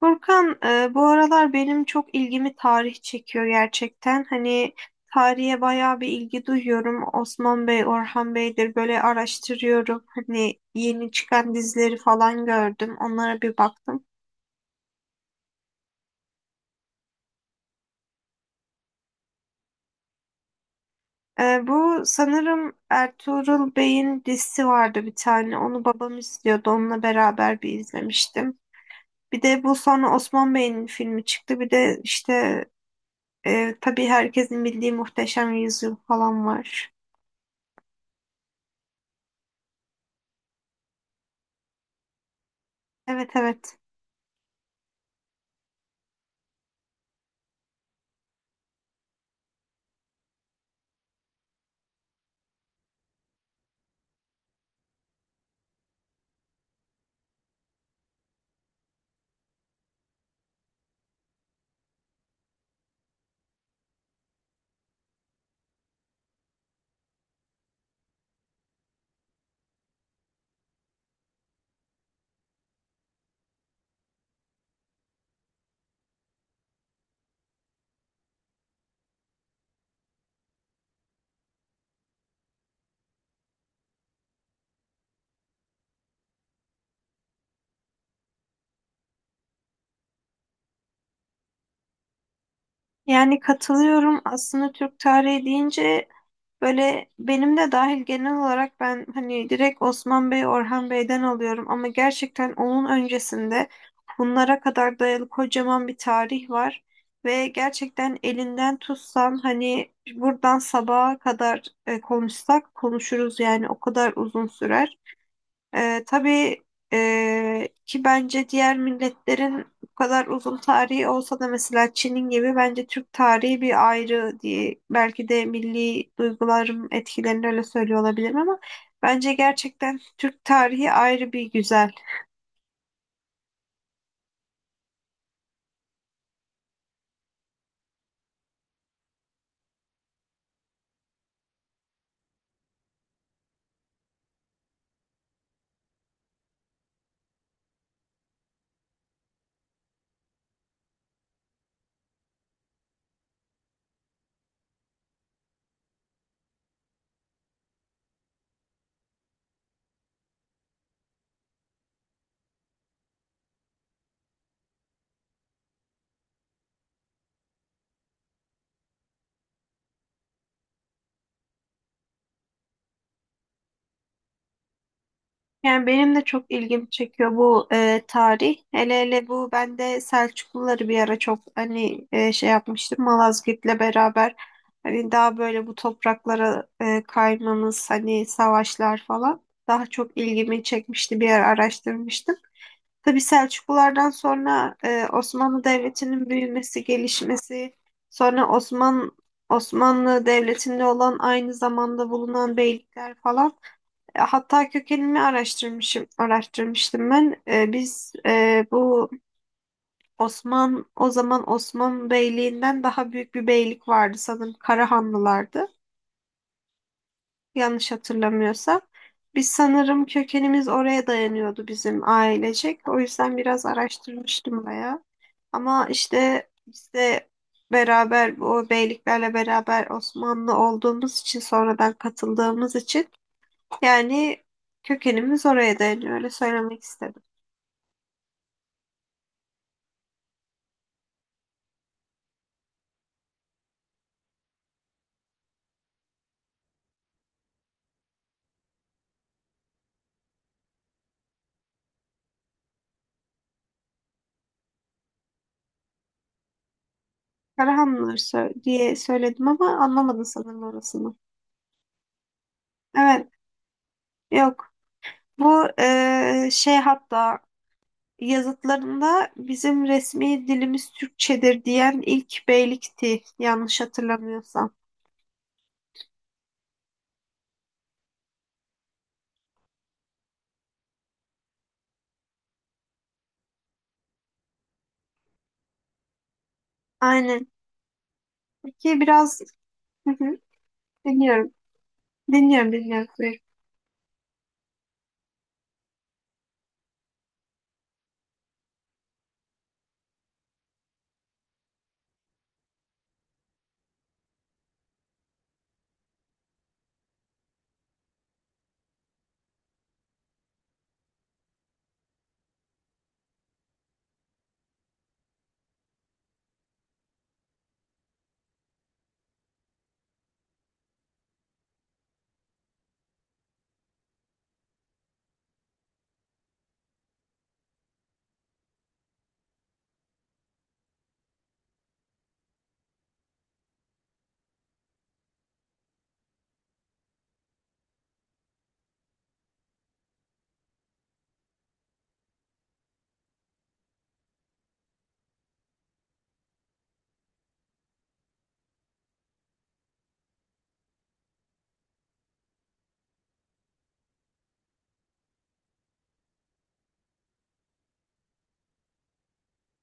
Furkan, bu aralar benim çok ilgimi tarih çekiyor gerçekten. Hani tarihe bayağı bir ilgi duyuyorum. Osman Bey, Orhan Bey'dir böyle araştırıyorum. Hani yeni çıkan dizileri falan gördüm. Onlara bir baktım. Bu sanırım Ertuğrul Bey'in dizisi vardı bir tane. Onu babam izliyordu. Onunla beraber bir izlemiştim. Bir de bu sonra Osman Bey'in filmi çıktı. Bir de işte tabii herkesin bildiği Muhteşem Yüzyıl falan var. Evet, evet. Yani katılıyorum. Aslında Türk tarihi deyince böyle benim de dahil genel olarak ben hani direkt Osman Bey, Orhan Bey'den alıyorum ama gerçekten onun öncesinde bunlara kadar dayalı kocaman bir tarih var ve gerçekten elinden tutsan hani buradan sabaha kadar konuşsak konuşuruz yani o kadar uzun sürer. Tabii ki bence diğer milletlerin bu kadar uzun tarihi olsa da mesela Çin'in gibi bence Türk tarihi bir ayrı diye belki de milli duygularım etkilerini öyle söylüyor olabilirim ama bence gerçekten Türk tarihi ayrı bir güzel. Yani benim de çok ilgimi çekiyor bu tarih. Hele hele bu ben de Selçukluları bir ara çok hani şey yapmıştım Malazgirt'le beraber. Hani daha böyle bu topraklara kaymamız hani savaşlar falan daha çok ilgimi çekmişti bir ara araştırmıştım. Tabii Selçuklulardan sonra Osmanlı Devleti'nin büyümesi, gelişmesi, sonra Osmanlı Devleti'nde olan aynı zamanda bulunan beylikler falan. Hatta kökenini araştırmıştım ben. Biz bu Osman, o zaman Osman Beyliğinden daha büyük bir beylik vardı sanırım Karahanlılardı. Yanlış hatırlamıyorsam. Biz sanırım kökenimiz oraya dayanıyordu bizim ailecek. O yüzden biraz araştırmıştım bayağı. Ama işte biz de beraber bu beyliklerle beraber Osmanlı olduğumuz için sonradan katıldığımız için yani kökenimiz oraya dayanıyor. Öyle söylemek istedim. Diye söyledim ama anlamadın sanırım orasını. Evet. Yok. Bu şey hatta yazıtlarında bizim resmi dilimiz Türkçedir diyen ilk beylikti. Yanlış hatırlamıyorsam. Aynen. Peki biraz. Hı hı, dinliyorum. Dinliyorum.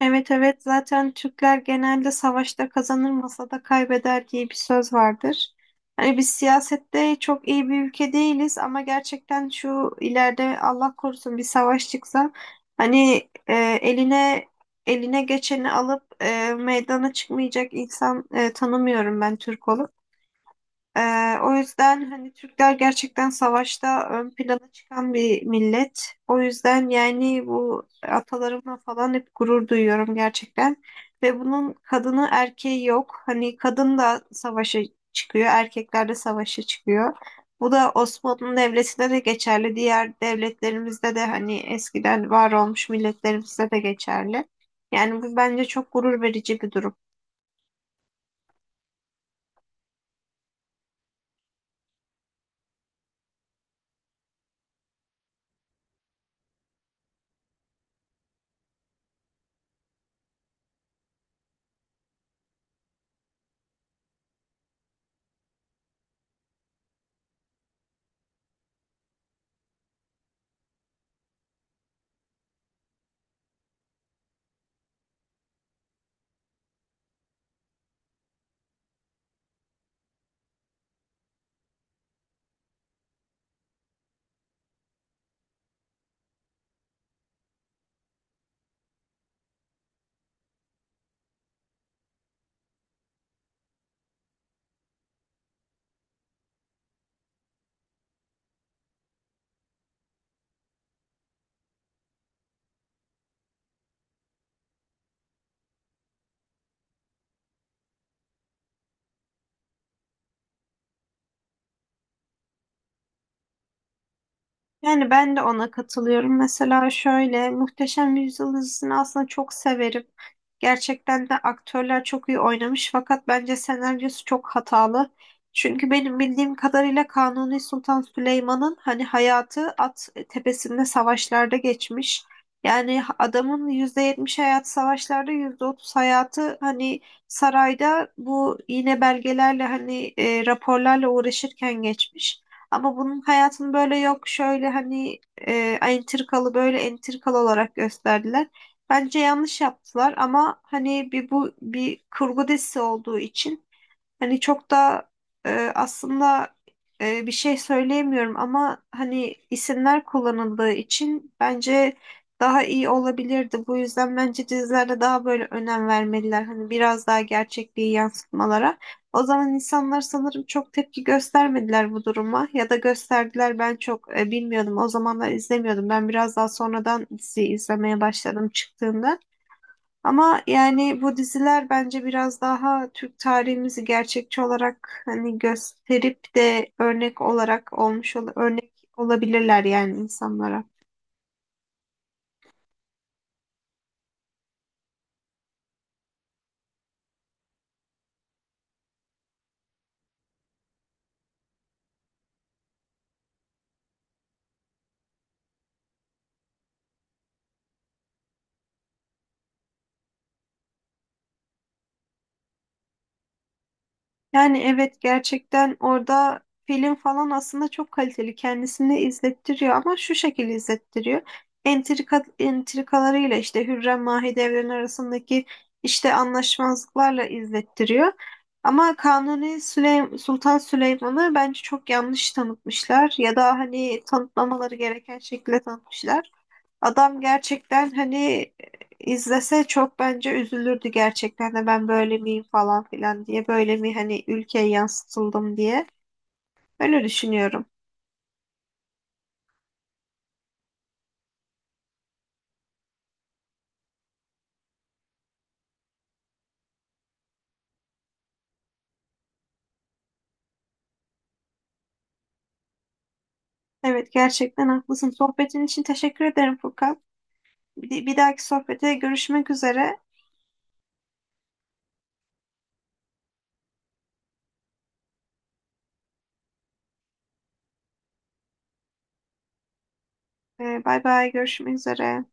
Evet, evet, zaten Türkler genelde savaşta kazanır masada kaybeder diye bir söz vardır. Hani biz siyasette çok iyi bir ülke değiliz ama gerçekten şu ileride Allah korusun bir savaş çıksa hani eline eline geçeni alıp meydana çıkmayacak insan tanımıyorum ben Türk olup. O yüzden hani Türkler gerçekten savaşta ön plana çıkan bir millet. O yüzden yani bu atalarımla falan hep gurur duyuyorum gerçekten. Ve bunun kadını erkeği yok. Hani kadın da savaşa çıkıyor, erkekler de savaşa çıkıyor. Bu da Osmanlı Devleti'nde de geçerli. Diğer devletlerimizde de hani eskiden var olmuş milletlerimizde de geçerli. Yani bu bence çok gurur verici bir durum. Yani ben de ona katılıyorum. Mesela şöyle Muhteşem Yüzyıl dizisini aslında çok severim. Gerçekten de aktörler çok iyi oynamış fakat bence senaryosu çok hatalı. Çünkü benim bildiğim kadarıyla Kanuni Sultan Süleyman'ın hani hayatı at tepesinde savaşlarda geçmiş. Yani adamın %70 hayatı savaşlarda, %30 hayatı hani sarayda bu yine belgelerle hani raporlarla uğraşırken geçmiş. Ama bunun hayatını böyle yok şöyle hani böyle entrikalı olarak gösterdiler. Bence yanlış yaptılar ama hani bu bir kurgu dizisi olduğu için hani çok da aslında bir şey söyleyemiyorum ama hani isimler kullanıldığı için bence daha iyi olabilirdi. Bu yüzden bence dizilerde daha böyle önem vermeliler. Hani biraz daha gerçekliği yansıtmalara. O zaman insanlar sanırım çok tepki göstermediler bu duruma ya da gösterdiler ben çok bilmiyordum. O zamanlar izlemiyordum. Ben biraz daha sonradan diziyi izlemeye başladım çıktığında. Ama yani bu diziler bence biraz daha Türk tarihimizi gerçekçi olarak hani gösterip de örnek olarak olmuş ol örnek olabilirler yani insanlara. Yani evet, gerçekten orada film falan aslında çok kaliteli. Kendisini izlettiriyor ama şu şekilde izlettiriyor. Entrika, entrikalarıyla işte Hürrem Mahidevran arasındaki işte anlaşmazlıklarla izlettiriyor. Ama Kanuni Süleym Sultan Süleyman'ı bence çok yanlış tanıtmışlar ya da hani tanıtmamaları gereken şekilde tanıtmışlar. Adam gerçekten hani izlese çok bence üzülürdü gerçekten de ben böyle miyim falan filan diye böyle mi hani ülkeye yansıtıldım diye öyle düşünüyorum. Evet, gerçekten haklısın. Sohbetin için teşekkür ederim Furkan. Bir dahaki sohbete görüşmek üzere. Bay bay, görüşmek üzere.